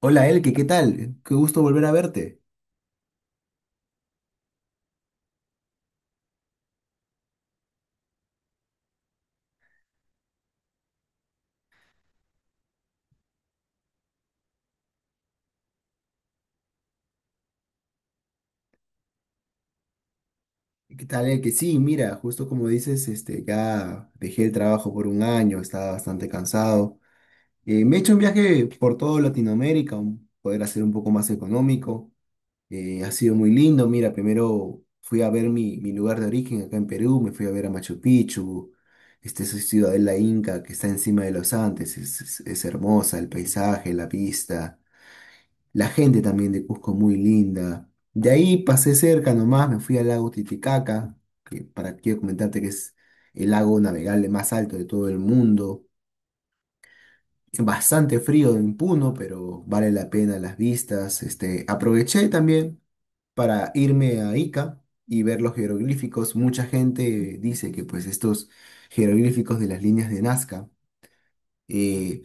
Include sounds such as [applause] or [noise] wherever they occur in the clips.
Hola Elke, ¿qué tal? Qué gusto volver a verte. ¿Qué tal Elke? Sí, mira, justo como dices, ya dejé el trabajo por un año, estaba bastante cansado. Me he hecho un viaje por toda Latinoamérica, poder hacer un poco más económico. Ha sido muy lindo, mira, primero fui a ver mi lugar de origen acá en Perú, me fui a ver a Machu Picchu, este, esa ciudadela inca que está encima de los Andes, es hermosa, el paisaje, la vista. La gente también de Cusco muy linda. De ahí pasé cerca nomás, me fui al lago Titicaca, que para quiero comentarte que es el lago navegable más alto de todo el mundo. Es bastante frío en Puno, pero vale la pena las vistas. Este, aproveché también para irme a Ica y ver los jeroglíficos. Mucha gente dice que pues estos jeroglíficos de las líneas de Nazca eh,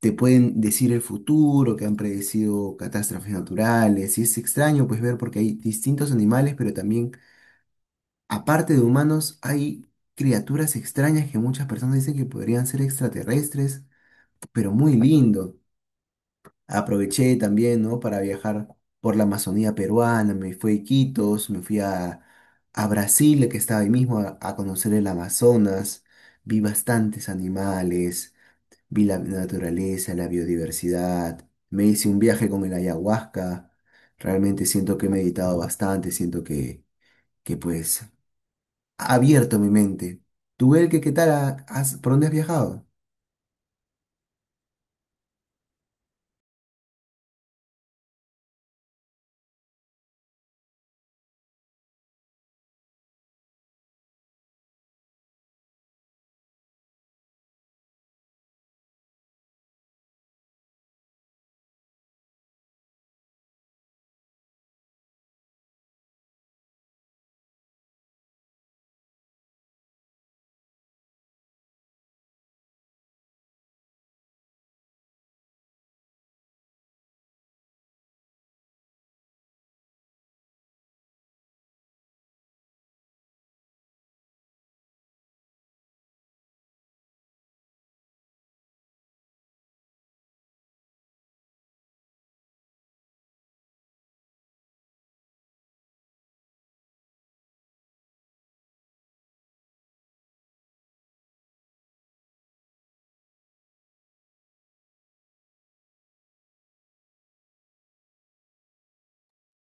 te pueden decir el futuro, que han predecido catástrofes naturales, y es extraño pues ver porque hay distintos animales, pero también, aparte de humanos, hay criaturas extrañas que muchas personas dicen que podrían ser extraterrestres, pero muy lindo. Aproveché también, ¿no? Para viajar por la Amazonía peruana, me fui a Iquitos, a Brasil, que estaba ahí mismo, a conocer el Amazonas, vi bastantes animales, vi la naturaleza, la biodiversidad, me hice un viaje con el ayahuasca, realmente siento que he meditado bastante, siento que ha abierto mi mente. ¿Tú, que ¿qué tal? ¿Por dónde has viajado?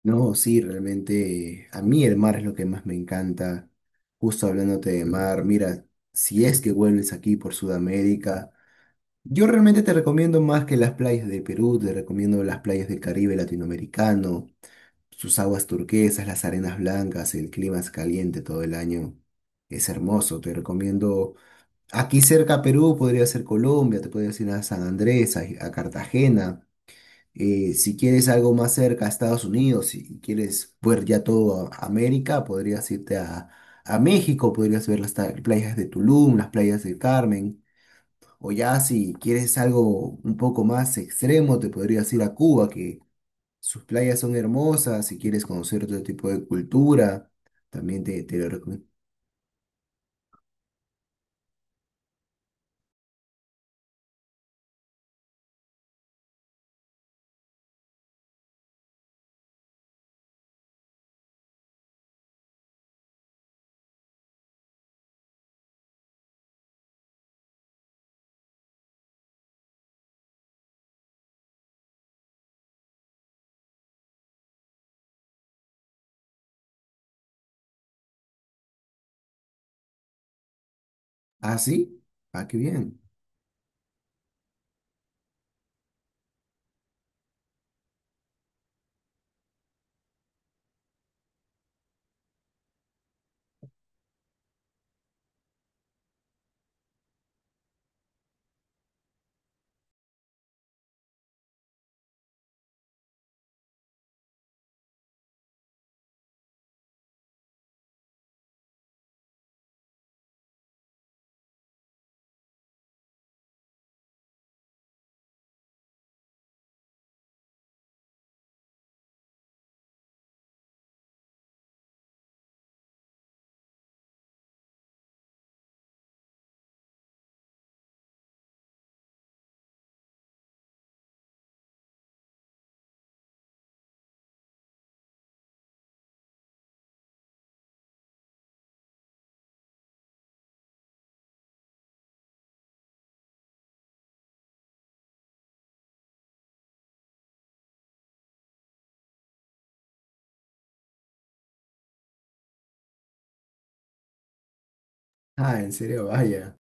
No, sí, realmente a mí el mar es lo que más me encanta. Justo hablándote de mar, mira, si es que vuelves aquí por Sudamérica, yo realmente te recomiendo más que las playas de Perú, te recomiendo las playas del Caribe latinoamericano. Sus aguas turquesas, las arenas blancas, el clima es caliente todo el año. Es hermoso, te recomiendo. Aquí cerca a Perú podría ser Colombia, te podrías ir a San Andrés, a Cartagena. Si quieres algo más cerca a Estados Unidos, si quieres ver ya todo a América, a México, podrías ver las playas de Tulum, las playas del Carmen. O ya si quieres algo un poco más extremo, te podrías ir a Cuba, que sus playas son hermosas, si quieres conocer otro tipo de cultura, también te lo recomiendo. ¿Ah, sí? Ah, qué bien. Ah, en serio, vaya.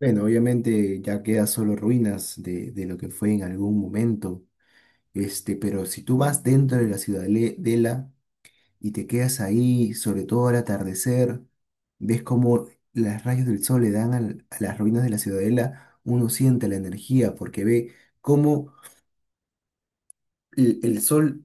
Bueno, obviamente ya queda solo ruinas de lo que fue en algún momento. Este, pero si tú vas dentro de la ciudadela y te quedas ahí, sobre todo al atardecer, ves cómo las rayas del sol le dan a las ruinas de la ciudadela, uno siente la energía porque ve cómo el sol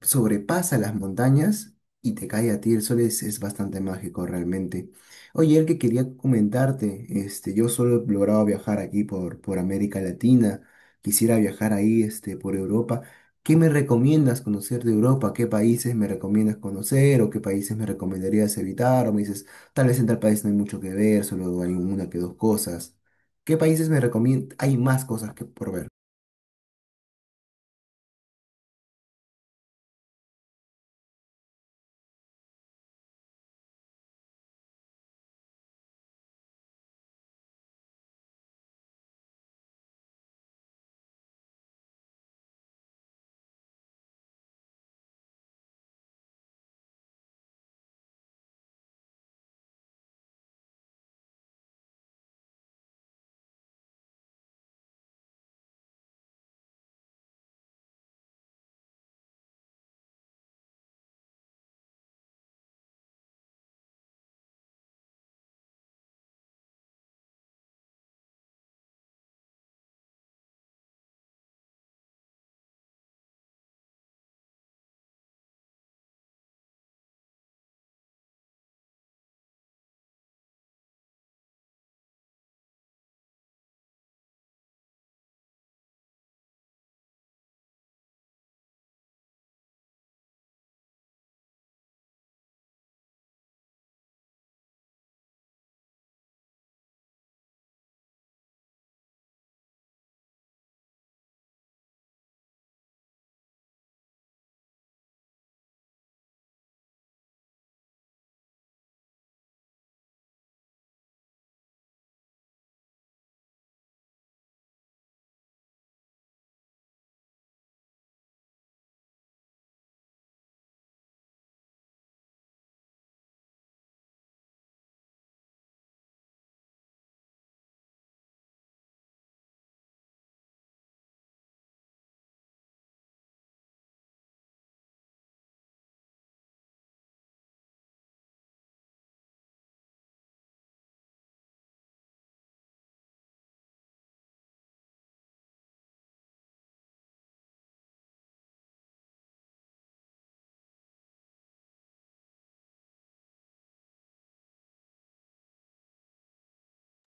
sobrepasa las montañas y te cae a ti el sol, es bastante mágico realmente. Oye, el que quería comentarte, este, yo solo he logrado viajar aquí por América Latina, quisiera viajar ahí, este, por Europa. ¿Qué me recomiendas conocer de Europa? ¿Qué países me recomiendas conocer o qué países me recomendarías evitar? O me dices, tal vez en tal país no hay mucho que ver, solo hay una que dos cosas. ¿Qué países me recomiendas? Hay más cosas que por ver.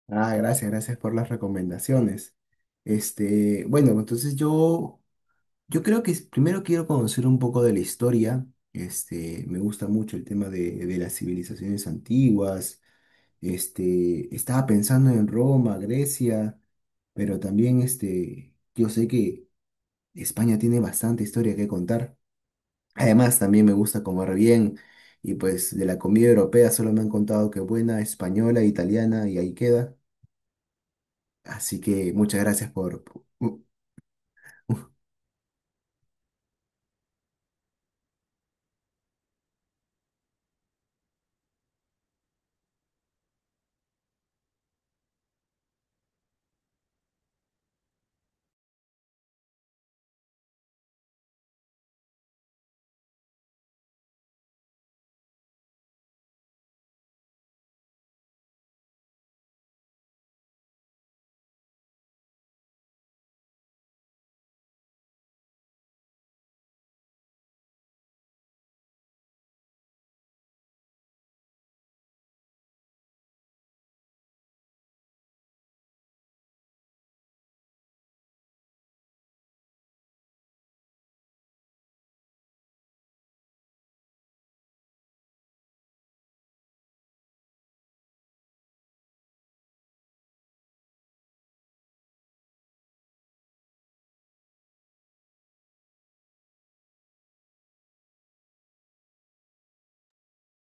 Ah, gracias, gracias por las recomendaciones. Este, bueno, yo creo que primero quiero conocer un poco de la historia. Este, me gusta mucho el tema de las civilizaciones antiguas. Este, estaba pensando en Roma, Grecia, pero también este, yo sé que España tiene bastante historia que contar. Además, también me gusta comer bien y pues de la comida europea solo me han contado que buena, española, italiana y ahí queda. Así que muchas gracias por... [laughs]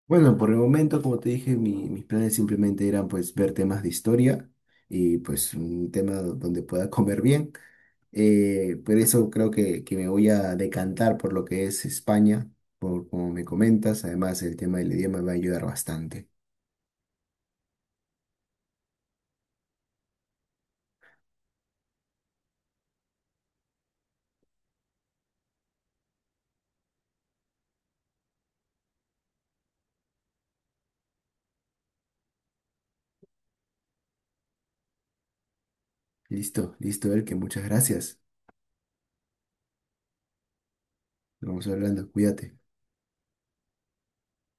Bueno, por el momento, como te dije, mis planes simplemente eran pues ver temas de historia y pues un tema donde pueda comer bien. Por eso creo que me voy a decantar por lo que es España, por como me comentas. Además, el tema del idioma me va a ayudar bastante. Listo, listo, que muchas gracias. Nos vamos hablando, cuídate.